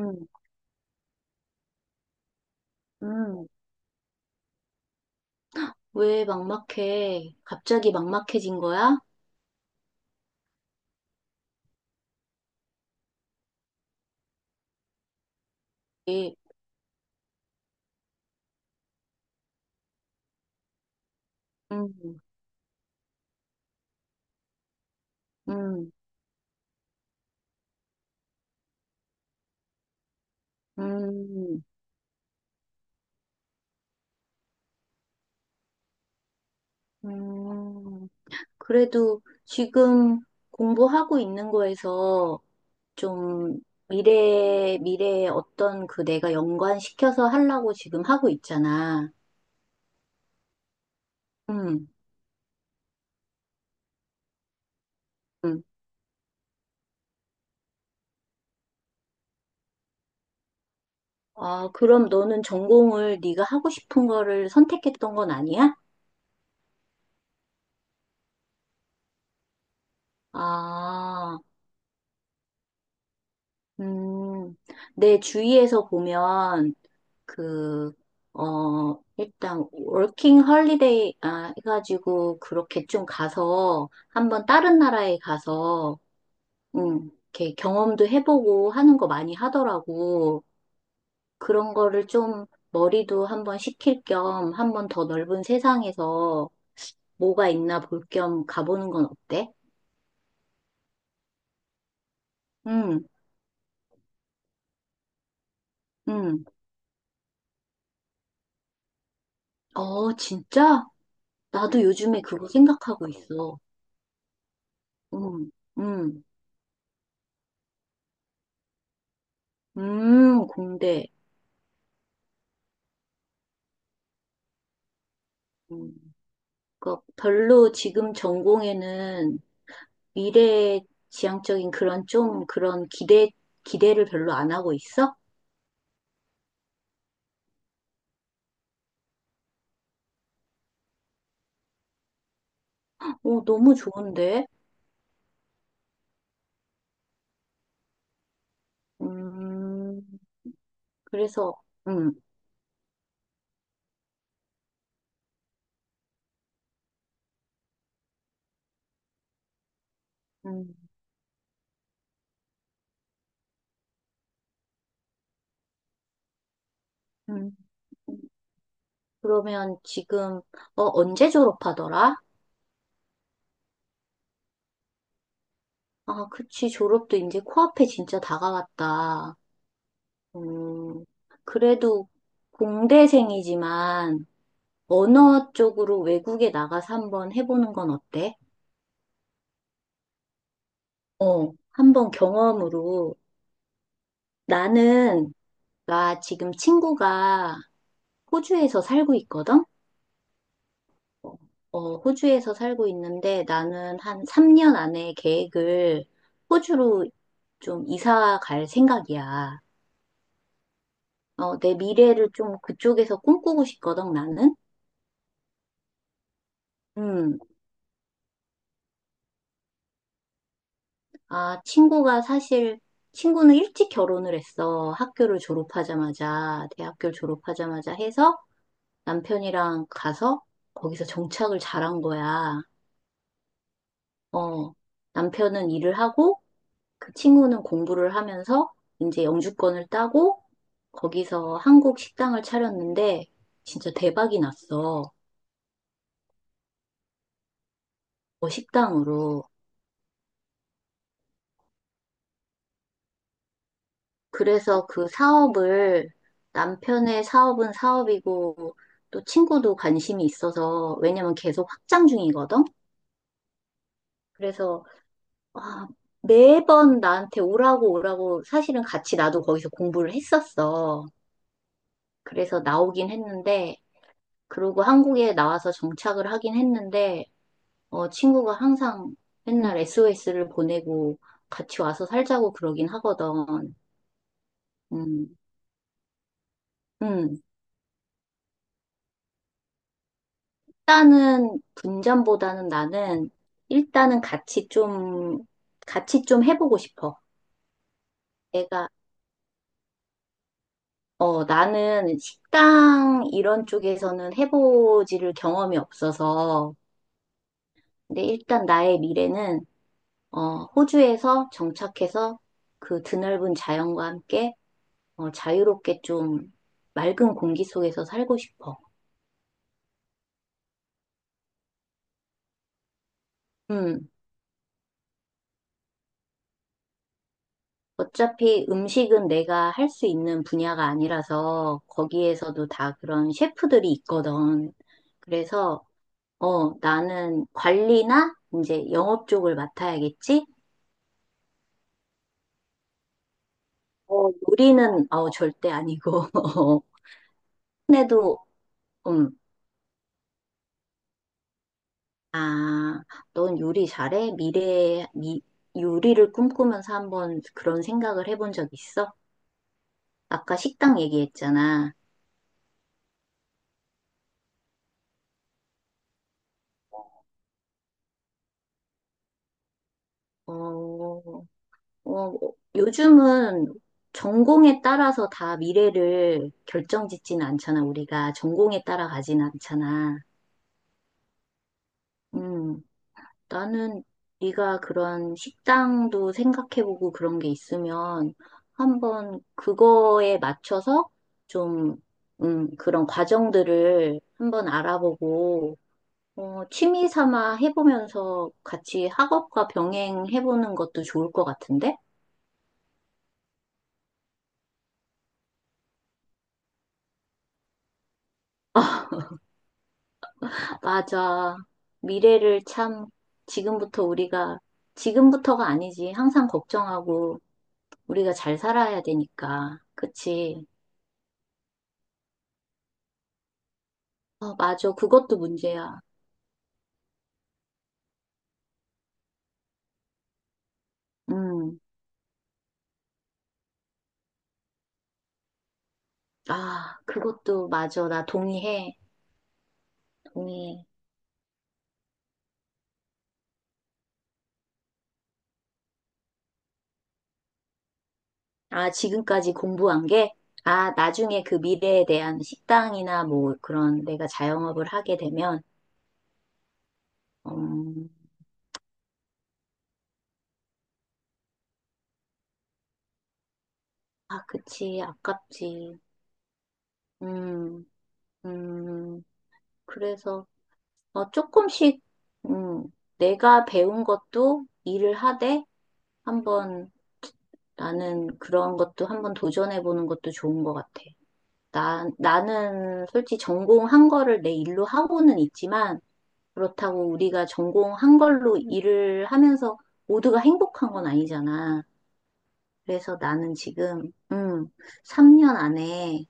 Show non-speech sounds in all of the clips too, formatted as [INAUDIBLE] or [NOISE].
응, 응. 왜 막막해? 갑자기 막막해진 거야? 예, 응, 응, 응, 응. 그래도 지금 공부하고 있는 거에서 좀 미래에 어떤 그 내가 연관시켜서 하려고 지금 하고 있잖아. 응, 응. 아, 그럼 너는 전공을 네가 하고 싶은 거를 선택했던 건 아니야? 아. 음, 내 주위에서 보면, 그, 일단, 워킹 헐리데이, 해가지고, 그렇게 좀 가서, 한번 다른 나라에 가서, 이렇게 경험도 해보고 하는 거 많이 하더라고. 그런 거를 좀, 머리도 한번 식힐 겸, 한번 더 넓은 세상에서 뭐가 있나 볼 겸 가보는 건 어때? 음, 음. 어, 진짜? 나도 요즘에 그거 생각하고 있어. 음, 음, 공대. 음, 그러니까 별로 지금 전공에는 미래 지향적인 그런 좀 그런 기대를 별로 안 하고 있어? 어, 너무 좋은데? 음, 그래서, 음, 음, 음. 그러면 지금, 언제 졸업하더라? 아, 그치, 졸업도 이제 코앞에 진짜 다가왔다. 음, 그래도 공대생이지만, 언어 쪽으로 외국에 나가서 한번 해보는 건 어때? 어, 한번 경험으로. 나는, 나 지금 친구가 호주에서 살고 있거든? 어, 호주에서 살고 있는데 나는 한 3년 안에 계획을 호주로 좀 이사 갈 생각이야. 내 미래를 좀 그쪽에서 꿈꾸고 싶거든, 나는? 음, 아, 친구는 일찍 결혼을 했어. 대학교를 졸업하자마자 해서 남편이랑 가서 거기서 정착을 잘한 거야. 어, 남편은 일을 하고 그 친구는 공부를 하면서 이제 영주권을 따고 거기서 한국 식당을 차렸는데 진짜 대박이 났어. 어, 식당으로. 그래서 그 사업을 남편의 사업은 사업이고 또 친구도 관심이 있어서 왜냐면 계속 확장 중이거든. 그래서 아, 매번 나한테 오라고 오라고 사실은 같이 나도 거기서 공부를 했었어. 그래서 나오긴 했는데 그러고 한국에 나와서 정착을 하긴 했는데 친구가 항상 맨날 SOS를 보내고 같이 와서 살자고 그러긴 하거든. 음, 음. 일단은 분전보다는 나는 일단은 같이 좀 해보고 싶어. 내가 어 나는 식당 이런 쪽에서는 해보지를 경험이 없어서 근데 일단 나의 미래는 호주에서 정착해서 그 드넓은 자연과 함께 자유롭게 좀 맑은 공기 속에서 살고 싶어. 음. 어차피 음식은 내가 할 수 있는 분야가 아니라서 거기에서도 다 그런 셰프들이 있거든. 그래서 나는 관리나 이제 영업 쪽을 맡아야겠지? 요리는 절대 아니고. [LAUGHS] 근데도 음, 아, 넌 요리 잘해? 미래에 요리를 꿈꾸면서 한번 그런 생각을 해본 적 있어? 아까 식당 얘기했잖아. 어, 어, 요즘은 전공에 따라서 다 미래를 결정짓지는 않잖아. 우리가 전공에 따라 가진 않잖아. 음, 나는 네가 그런 식당도 생각해보고 그런 게 있으면 한번 그거에 맞춰서 좀, 그런 과정들을 한번 알아보고, 취미 삼아 해보면서 같이 학업과 병행해보는 것도 좋을 것 같은데? [LAUGHS] 맞아. 미래를 참 지금부터 우리가, 지금부터가 아니지. 항상 걱정하고 우리가 잘 살아야 되니까. 그치? 어, 맞아. 그것도 문제야. 음. 아, 그것도 맞아. 나 동의해. 동의해. 아, 지금까지 공부한 게? 아, 나중에 그 미래에 대한 식당이나 뭐 그런 내가 자영업을 하게 되면, 음, 아, 그치. 아깝지. 음, 음. 그래서, 조금씩, 음, 내가 배운 것도 일을 하되 한번 나는 그런 것도 한번 도전해보는 것도 좋은 것 같아. 나는 솔직히 전공한 거를 내 일로 하고는 있지만 그렇다고 우리가 전공한 걸로 일을 하면서 모두가 행복한 건 아니잖아. 그래서 나는 지금, 3년 안에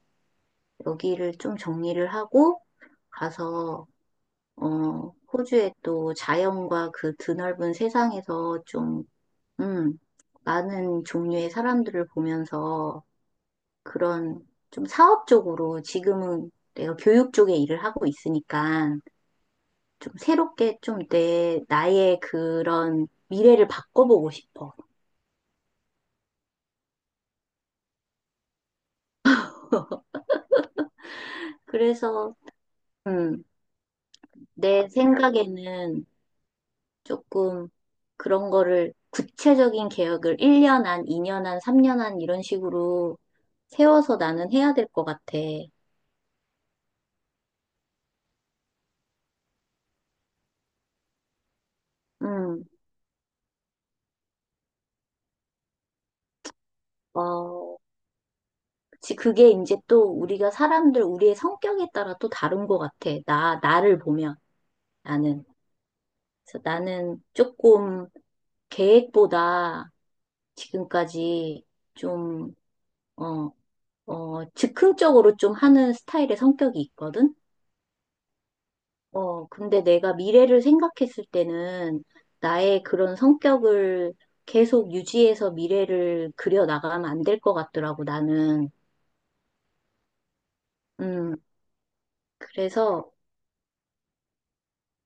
여기를 좀 정리를 하고 가서 호주의 또 자연과 그 드넓은 세상에서 좀, 음, 많은 종류의 사람들을 보면서 그런 좀 사업적으로 지금은 내가 교육 쪽에 일을 하고 있으니까 좀 새롭게 좀 나의 그런 미래를 바꿔보고 싶어. 그래서, 음, 내 생각에는 조금 그런 거를 구체적인 계획을 1년 안, 2년 안, 3년 안 이런 식으로 세워서 나는 해야 될 것 같아. 음, 어, 그치. 그게 이제 또 우리가 사람들, 우리의 성격에 따라 또 다른 것 같아. 나를 보면 나는. 그래서 나는 조금 계획보다 지금까지 좀, 어, 즉흥적으로 좀 하는 스타일의 성격이 있거든? 근데 내가 미래를 생각했을 때는 나의 그런 성격을 계속 유지해서 미래를 그려 나가면 안 될 것 같더라고, 나는. 음, 그래서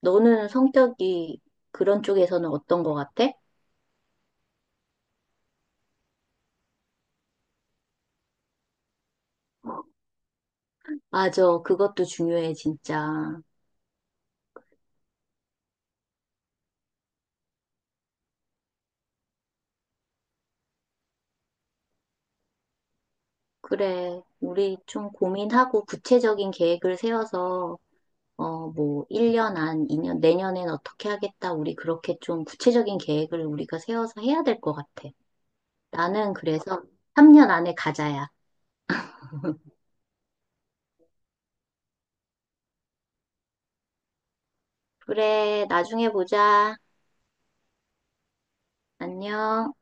너는 성격이 그런 쪽에서는 어떤 것 같아? 맞아, 그것도 중요해, 진짜. 그래, 우리 좀 고민하고 구체적인 계획을 세워서, 뭐, 1년 안, 2년, 내년엔 어떻게 하겠다, 우리 그렇게 좀 구체적인 계획을 우리가 세워서 해야 될 것 같아. 나는 그래서 3년 안에 가자야. 그래, 나중에 보자. 안녕.